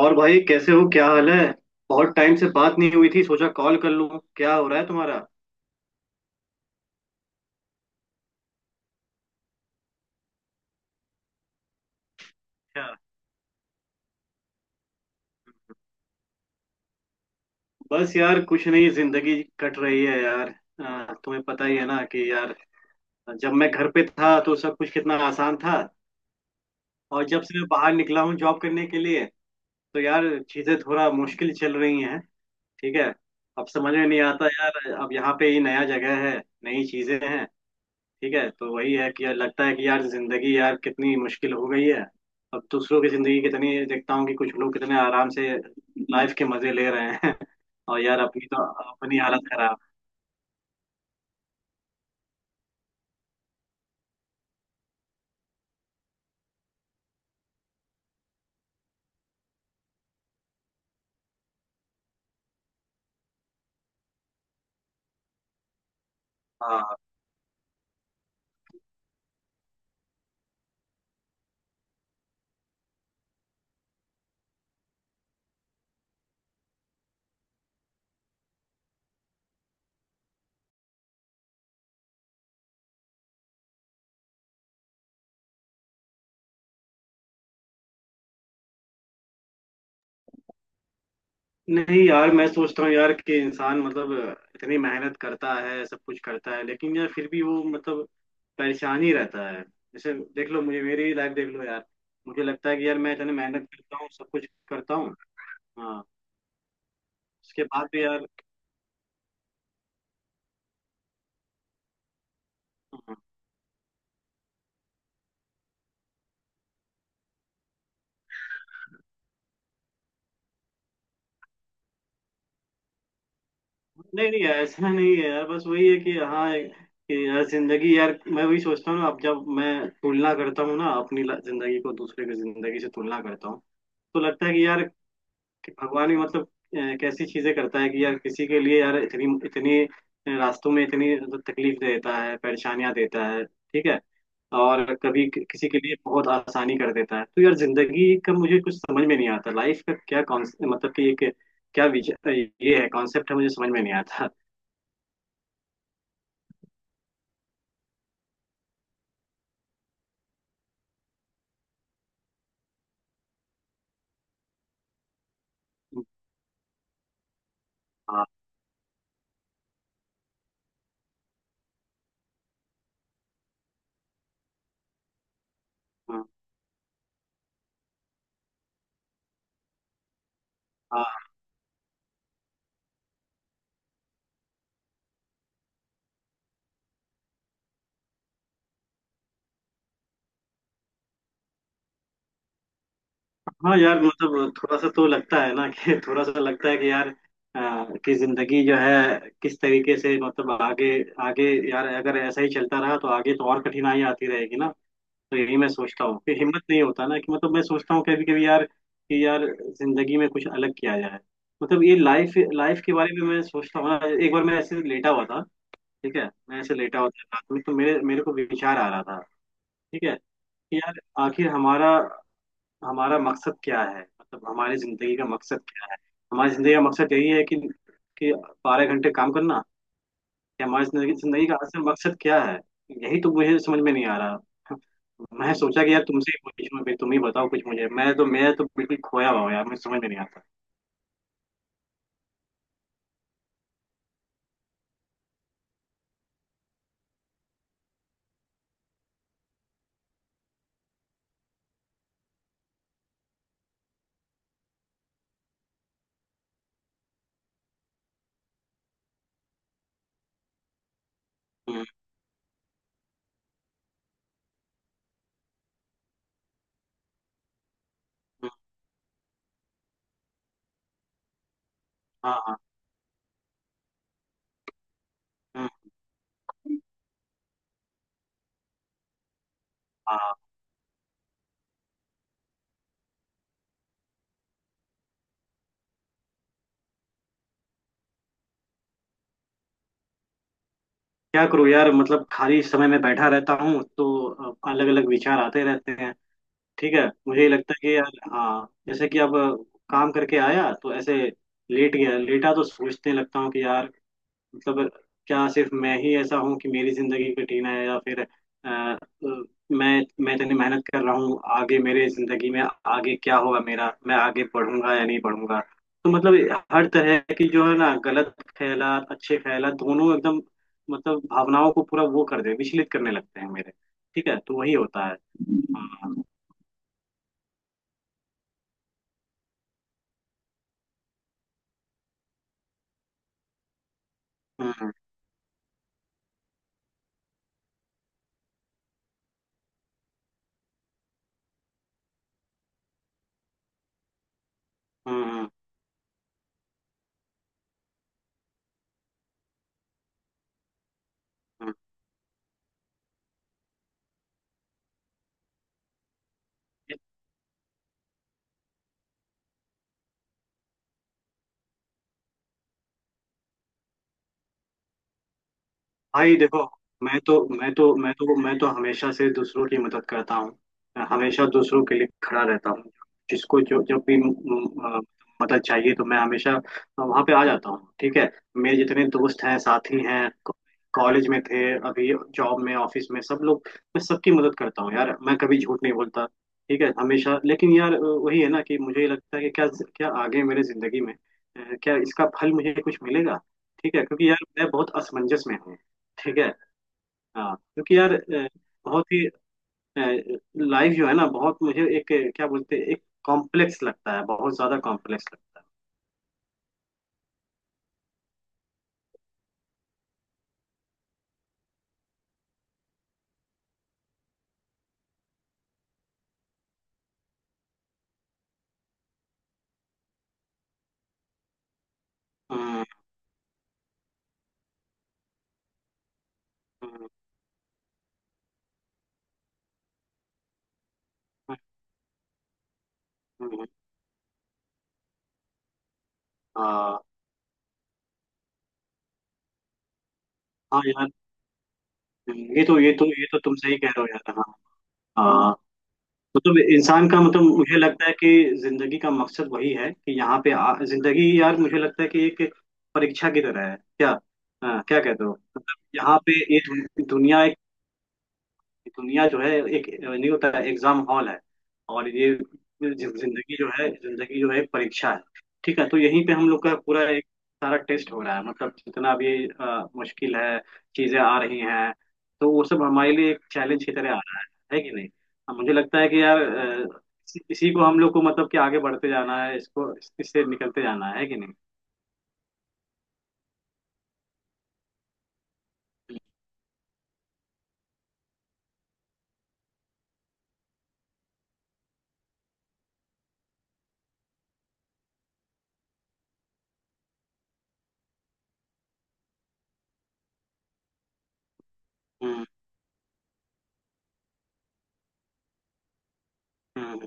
और भाई कैसे हो? क्या हाल है? बहुत टाइम से बात नहीं हुई थी, सोचा कॉल कर लूं। क्या हो रहा है तुम्हारा? अच्छा। बस यार कुछ नहीं, जिंदगी कट रही है यार। तुम्हें पता ही है ना कि यार जब मैं घर पे था तो सब कुछ कितना आसान था। और जब से मैं बाहर निकला हूँ जॉब करने के लिए, तो यार चीजें थोड़ा मुश्किल चल रही हैं। ठीक है। अब समझ में नहीं आता यार, अब यहाँ पे ही नया जगह है, नई चीजें हैं। ठीक है, तो वही है कि यार लगता है कि यार जिंदगी यार कितनी मुश्किल हो गई है। अब दूसरों की जिंदगी कितनी देखता हूँ कि कुछ लोग कितने आराम से लाइफ के मजे ले रहे हैं और यार अपनी तो अपनी हालत खराब। हाँ। नहीं यार, मैं सोचता हूँ यार कि इंसान मतलब इतनी मेहनत करता है, सब कुछ करता है, लेकिन यार फिर भी वो मतलब परेशान ही रहता है। जैसे देख लो मुझे, मेरी लाइफ देख लो यार। मुझे लगता है कि यार मैं इतनी मेहनत करता हूँ, सब कुछ करता हूँ। हाँ। उसके बाद भी यार। हाँ। नहीं नहीं, ऐसा नहीं है यार, बस वही है कि हाँ कि यार जिंदगी यार, मैं वही सोचता हूँ ना, अब जब मैं तुलना करता हूँ ना, अपनी जिंदगी को दूसरे की जिंदगी से तुलना करता हूँ तो लगता है कि यार कि भगवान भी मतलब कैसी चीजें करता है कि यार किसी के लिए यार इतनी इतनी रास्तों में इतनी मतलब तकलीफ देता है, परेशानियां देता है। ठीक है। और कभी किसी के लिए बहुत आसानी कर देता है। तो यार जिंदगी का मुझे कुछ समझ में नहीं आता, लाइफ का क्या कॉन्स मतलब कि एक क्या विचार ये है, कॉन्सेप्ट है, मुझे समझ में नहीं आता। हाँ। हाँ। हाँ। हाँ यार मतलब थोड़ा सा तो लगता है ना, कि थोड़ा सा लगता है कि यार कि जिंदगी जो है किस तरीके से मतलब आगे आगे, यार अगर ऐसा ही चलता रहा तो आगे तो और कठिनाई आती रहेगी ना। तो यही मैं सोचता हूँ कि हिम्मत नहीं होता ना, कि मतलब मैं सोचता हूँ कभी कभी यार कि यार जिंदगी में कुछ अलग किया जाए। मतलब ये लाइफ लाइफ के बारे में मैं सोचता हूँ ना। एक बार मैं ऐसे लेटा हुआ था। ठीक है। मैं ऐसे लेटा हुआ था रात में, तो मेरे मेरे को विचार आ रहा था। ठीक है। कि यार आखिर हमारा हमारा मकसद क्या है, मतलब हमारी जिंदगी का मकसद क्या है। हमारी जिंदगी का मकसद यही है कि कि बारह घंटे काम करना? या हमारी जिंदगी जिंदगी का असल मकसद क्या है? यही तो मुझे समझ में नहीं आ रहा। मैं सोचा कि यार तुमसे ही पूछूं भाई, तुम ही बताओ कुछ मुझे, मैं तो बिल्कुल खोया हुआ हूं यार, मुझे समझ में नहीं आता। हम्म। हम्म। हाँ हाँ। हम्म। हाँ। क्या करूँ यार, मतलब खाली समय में बैठा रहता हूँ तो अलग अलग विचार आते रहते हैं। ठीक है, मुझे ये लगता है कि यार, हाँ जैसे कि अब काम करके आया, तो ऐसे लेट गया, लेटा तो सोचने लगता हूँ कि यार मतलब क्या सिर्फ मैं ही ऐसा हूँ कि मेरी जिंदगी कठिन है? या फिर मैं इतनी मेहनत कर रहा हूँ, आगे मेरे जिंदगी में आगे क्या होगा मेरा, मैं आगे पढ़ूंगा या नहीं पढ़ूंगा। तो मतलब हर तरह की जो है ना, गलत ख्यालात, अच्छे ख्यालात, दोनों एकदम मतलब भावनाओं को पूरा वो कर दे, विचलित करने लगते हैं मेरे। ठीक है, तो वही होता है। हाँ। हाँ। हम्म। हम्म। हम्म। ये भाई देखो, मैं तो हमेशा से दूसरों की मदद करता हूँ। मैं हमेशा दूसरों के लिए खड़ा रहता हूँ। जिसको जो जब भी मदद चाहिए तो मैं हमेशा वहाँ पे आ जाता हूँ। ठीक है। मेरे जितने दोस्त हैं, साथी हैं, कॉलेज में थे, अभी जॉब में, ऑफिस में, सब लोग, मैं सबकी मदद करता हूँ यार। मैं कभी झूठ नहीं बोलता। ठीक है हमेशा। लेकिन यार वही है ना कि मुझे ये लगता है कि क्या क्या आगे मेरे जिंदगी में क्या इसका फल मुझे कुछ मिलेगा? ठीक है, क्योंकि यार मैं बहुत असमंजस में हूँ। ठीक है। हाँ क्योंकि यार बहुत ही लाइफ जो है ना, बहुत मुझे एक क्या बोलते हैं, एक कॉम्प्लेक्स लगता है, बहुत ज्यादा कॉम्प्लेक्स लगता है। हम्म। हम्म। हम्म। हम्म। हाँ। हाँ यार, ये तो तुम सही कह रहे हो यार। हाँ। हाँ। मतलब इंसान का मतलब मुझे लगता है कि जिंदगी का मकसद वही है कि यहाँ पे जिंदगी यार मुझे लगता है कि एक परीक्षा की तरह है क्या? हाँ, क्या कहते हो? मतलब यहाँ पे ये दुनिया, दुनिया जो है एक, नहीं, होता है एग्जाम हॉल है, और ये जिंदगी जो है एक परीक्षा है। ठीक है। तो यहीं पे हम लोग का पूरा एक सारा टेस्ट हो रहा है, मतलब जितना भी मुश्किल है चीजें आ रही हैं तो वो सब हमारे लिए एक चैलेंज की तरह आ रहा है। है कि नहीं? अब मुझे लगता है कि यार इसी इसी को हम लोग को मतलब कि आगे बढ़ते जाना है, इसको, इससे निकलते जाना है। है कि नहीं? हम्म। हम्म।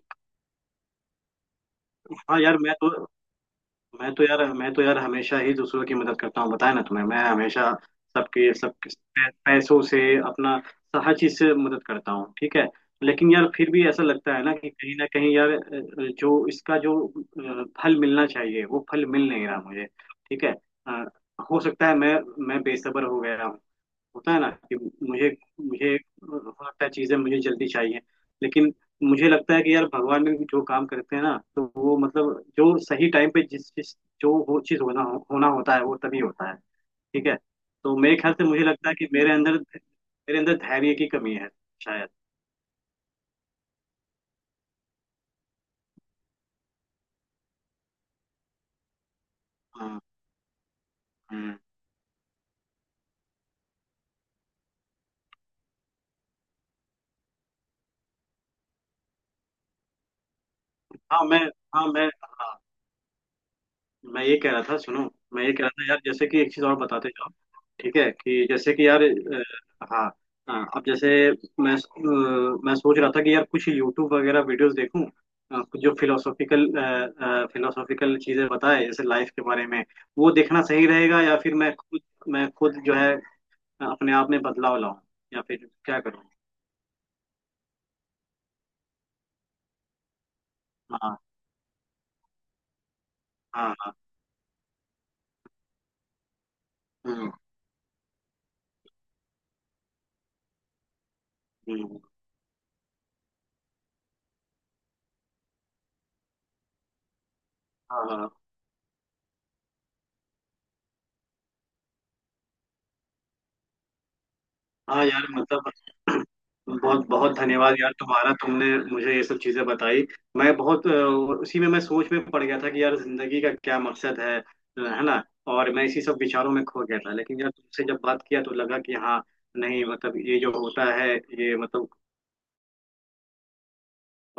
हाँ यार, मैं तो यार हमेशा ही दूसरों की मदद करता हूँ। बताया ना तुम्हें, मैं हमेशा सबके सब, पैसों से, अपना, हर चीज से मदद करता हूँ। ठीक है। लेकिन यार फिर भी ऐसा लगता है ना कि कहीं ना कहीं यार जो इसका जो फल मिलना चाहिए वो फल मिल नहीं रहा मुझे। ठीक है। अ, हो सकता है मैं बेसब्र हो गया। होता है ना कि मुझे मुझे हो सकता है चीजें मुझे जल्दी चाहिए। लेकिन मुझे लगता है कि यार भगवान ने जो काम करते हैं ना, तो वो मतलब जो सही टाइम पे जिस चीज जो वो चीज होना होना होता है, वो तभी होता है। ठीक है। तो मेरे ख्याल से मुझे लगता है कि मेरे अंदर धैर्य की कमी है शायद। हाँ। हम्म। हाँ, हाँ मैं हाँ मैं ये कह रहा था, सुनो, मैं ये कह रहा था यार जैसे कि एक चीज और बताते जाओ। ठीक है, कि जैसे कि यार हाँ। हाँ, अब जैसे मैं अ, मैं सोच रहा था कि यार कुछ यूट्यूब वगैरह वीडियोस देखूं, जो फिलोसॉफिकल फिलोसॉफिकल चीजें बताए जैसे लाइफ के बारे में, वो देखना सही रहेगा? या फिर मैं खुद जो है अपने आप में बदलाव लाऊं, या फिर क्या करूं? हाँ। हाँ। हाँ। हम्म। हम्म। हाँ। हाँ। हाँ यार मतलब बहुत बहुत धन्यवाद यार तुम्हारा, तुमने मुझे ये सब चीजें बताई। मैं बहुत उसी में मैं सोच में पड़ गया था कि यार जिंदगी का क्या मकसद है ना। और मैं इसी सब विचारों में खो गया था, लेकिन यार तुमसे जब बात किया तो लगा कि हाँ, नहीं मतलब ये जो होता है ये मतलब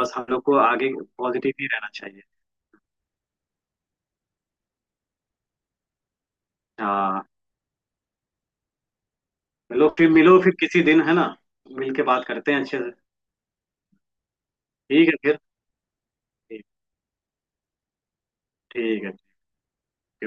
बस हम लोग को आगे पॉजिटिव ही रहना चाहिए। हाँ। चलो फिर मिलो फिर किसी दिन है ना, मिल के बात करते हैं अच्छे से। ठीक है फिर। ठीक। ठीक है।